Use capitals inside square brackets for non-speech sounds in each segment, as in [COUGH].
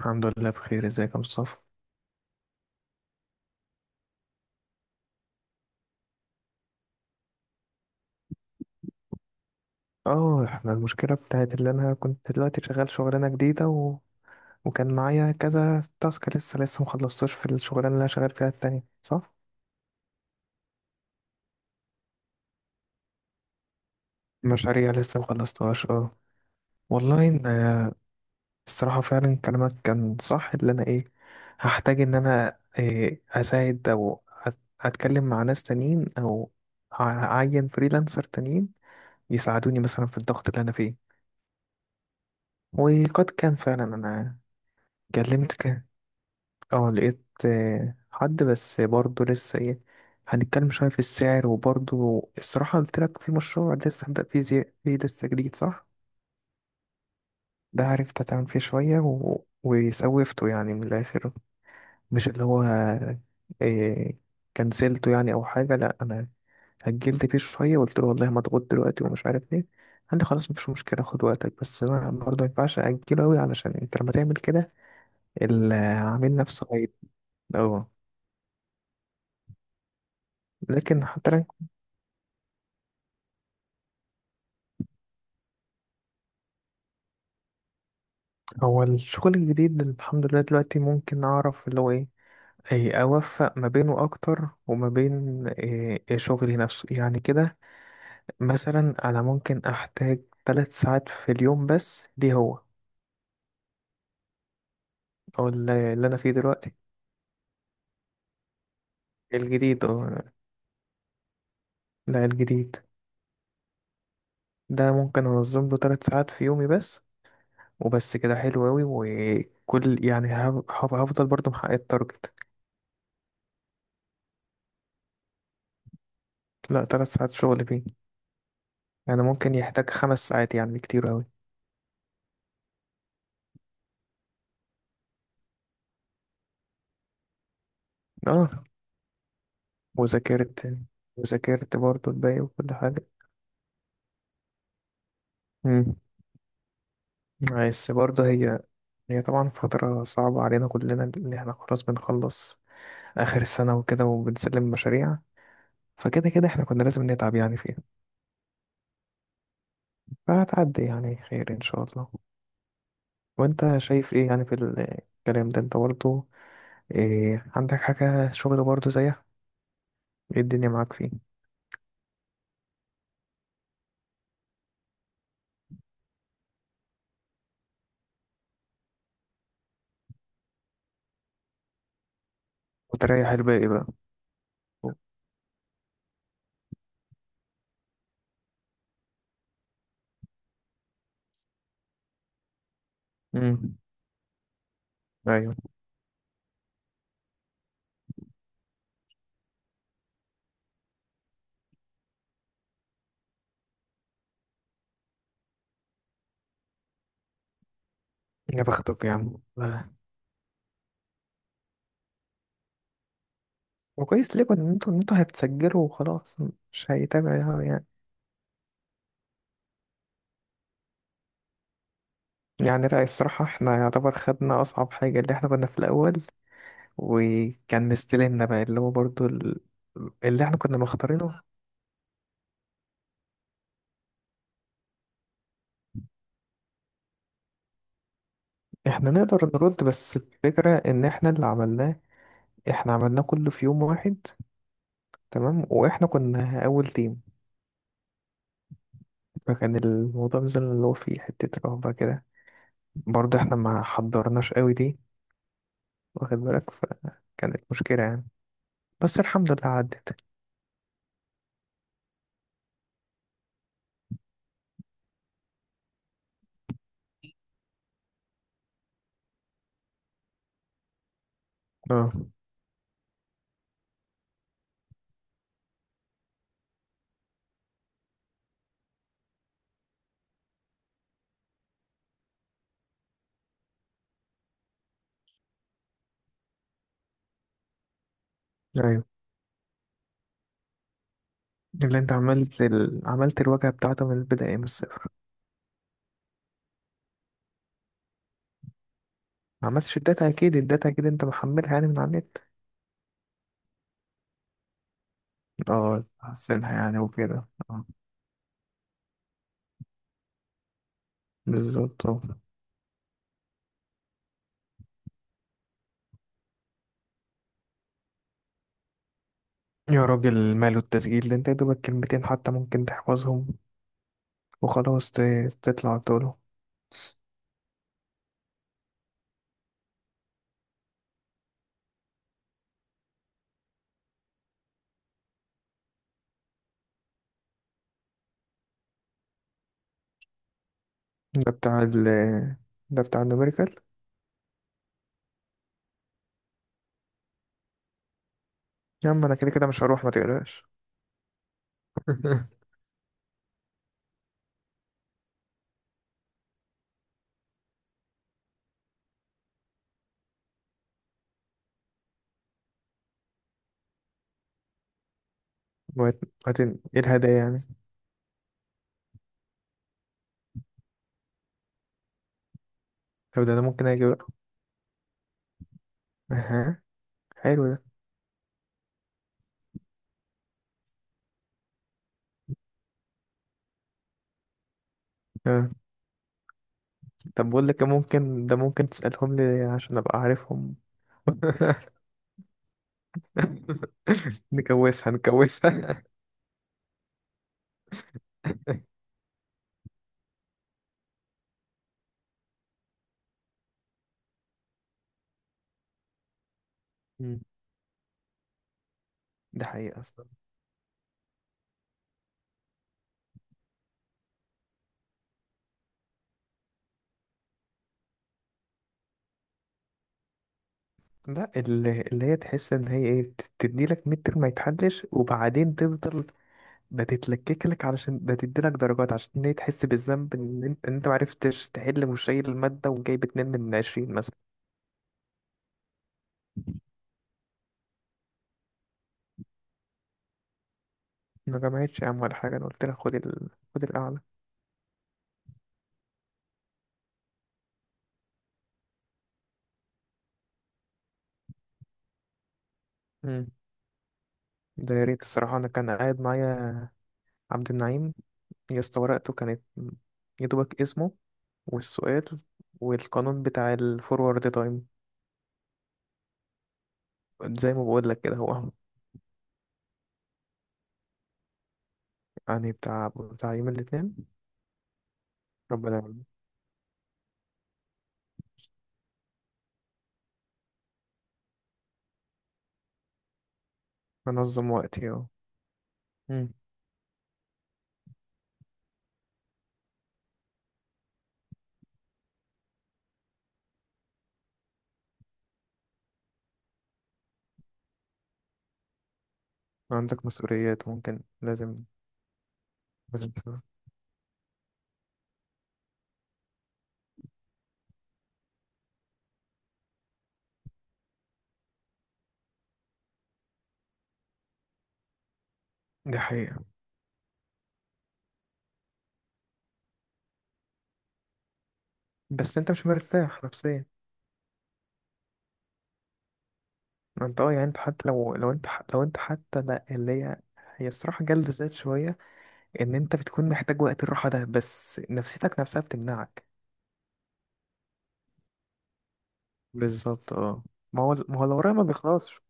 الحمد لله بخير، ازيك يا مصطفى؟ اه، احنا المشكله بتاعت اللي انا كنت دلوقتي شغال شغلانه جديده وكان معايا كذا تاسك لسه مخلصتوش في الشغلانه اللي انا شغال فيها التانية، صح؟ مشاريع لسه مخلصتهاش، اه. والله ان آه، الصراحه فعلا كلامك كان صح، اللي انا ايه هحتاج ان انا إيه اساعد او أت- اتكلم مع ناس تانيين، او اعين فريلانسر تانيين يساعدوني مثلا في الضغط اللي انا فيه. وقد كان فعلا انا كلمت. اه لقيت حد، بس برضه لسه ايه هنتكلم شوية في السعر. وبرضه الصراحة قلت لك في مشروع لسه هبدأ فيه، فيه لسه جديد، صح؟ ده عرفت أتعامل فيه شوية وسوفته يعني من الآخر. مش اللي هو إيه كنسلته يعني أو حاجة، لأ. أنا هجلت فيه شوية وقلت له والله مضغوط دلوقتي ومش عارف ايه. قال لي خلاص مفيش مشكلة، خد وقتك. بس أنا برضه مينفعش أجله أوي علشان أنت لما تعمل كده العميل نفسه هيت-. اه، لكن حتى هو الشغل الجديد الحمد لله دلوقتي ممكن أعرف اللي هو إيه أي أوفق ما بينه أكتر وما بين إيه شغلي نفسه يعني كده. مثلا أنا ممكن أحتاج 3 ساعات في اليوم بس، دي هو أو اللي أنا فيه دلوقتي. الجديد أو، لا، الجديد ده ممكن أنظم له 3 ساعات في يومي بس. وبس كده حلو أوي، وكل يعني هفضل برضه محقق التارجت. لا، 3 ساعات شغل فيه. يعني ممكن يحتاج 5 ساعات، يعني كتير أوي. اه، وذاكرت وذاكرت برضه الباقي وكل حاجة. مم. بس برضه هي طبعا فترة صعبة علينا كلنا، إن احنا خلاص بنخلص آخر السنة وكده وبنسلم مشاريع. فكده كده احنا كنا لازم نتعب يعني فيها. فهتعدي يعني خير إن شاء الله. وأنت شايف إيه يعني في الكلام ده؟ أنت برضه إيه، عندك حاجة شغل برضه زيها؟ إيه الدنيا معاك فيه؟ وتريح الباقي بقى. مم. أيوه. يا بختك يا عم. وكويس ليه ان انتوا ان انتوا هتسجلوا وخلاص، مش هيتابع يعني؟ يعني لا، الصراحة احنا يعتبر خدنا أصعب حاجة، اللي احنا كنا في الأول وكان مستلمنا بقى اللي هو برضو ال-، اللي احنا كنا مختارينه. احنا نقدر نرد بس الفكرة ان احنا اللي عملناه، احنا عملناه كله في يوم واحد، تمام، واحنا كنا أول تيم. فكان الموضوع مثلا اللي هو فيه حتة رهبة كده، برضو احنا ما حضرناش قوي دي، واخد بالك، فكانت مشكلة يعني. بس الحمد لله عدت. اه. ايوه، اللي انت عملت عملت الواجهة بتاعته من البداية من الصفر. ما عملتش الداتا، اكيد الداتا اكيد انت محملها يعني من على النت. اه، حسنها يعني وكده، اه. بالظبط، اه. يا راجل ماله التسجيل ده؟ انت يا دوبك كلمتين حتى ممكن تحفظهم وخلاص تطلع طوله. ده بتاع ال ده بتاع النوميريكال. يا عم انا كده كده مش هروح، ما تقلقش. [LAUGHS] وبعدين ايه الهدايا يعني؟ طب ده انا ممكن اجي بقى. اها، حلو ده. آه. طب بقول لك إيه، ممكن ده ممكن تسألهم لي عشان أبقى عارفهم. [LAUGHS] نكوسها نكوسها. مم. ده حقيقة أصلا. لا، اللي هي تحس إن هي إيه تديلك ميد ترم ما يتحلش وبعدين تفضل، ده تتلكك لك علشان ده تديلك درجات عشان هي تحس بالذنب إن أنت إن أنت معرفتش تحل وشايل المادة وجايب 2 من 20 مثلا. ما جمعتش يا عم ولا حاجة، أنا قلت لك خد خد الأعلى. مم. ده يا ريت الصراحة. أنا كان قاعد معايا عبد النعيم، يا اسطى ورقته كانت يا دوبك اسمه، والسؤال والقانون بتاع الفورورد تايم زي ما بقول لك كده هو. يعني بتاع يوم الاثنين. ربنا يعلم. انظم وقتي، اه. مم. عندك مسؤوليات ممكن لازم لازم تسوي. دي حقيقة. بس انت مش مرتاح نفسيا. ما انت اه يعني انت حتى لو لو انت حتى لا اللي هي هي الصراحة جلد ذات شوية، ان انت بتكون محتاج وقت الراحة ده بس نفسيتك نفسها بتمنعك. بالظبط، اه. ما هو الوراء ما بيخلصش.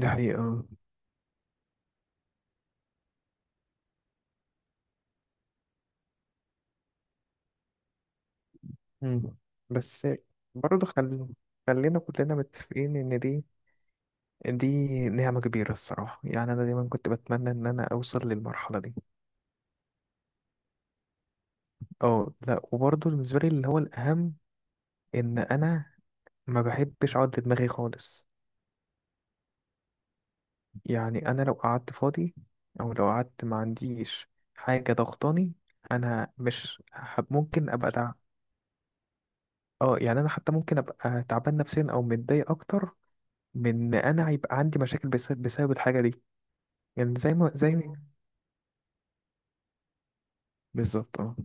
دي حقيقة. مم. بس برضه خلينا كلنا متفقين إن دي نعمة كبيرة الصراحة. يعني أنا دايما كنت بتمنى إن أنا أوصل للمرحلة دي. اه، لأ، وبرضه بالنسبة لي اللي هو الأهم إن أنا ما بحبش أقعد لدماغي خالص. يعني أنا لو قعدت فاضي أو لو قعدت ما عنديش حاجة ضغطاني، أنا مش حب ممكن أبقى تع.... اه يعني أنا حتى ممكن أبقى تعبان نفسيا أو متضايق أكتر، من إن أنا يبقى عندي مشاكل بسبب الحاجة دي. يعني زي ما زي. بالظبط، اه.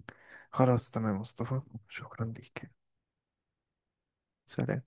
خلاص تمام مصطفى، شكرا ليك. سلام.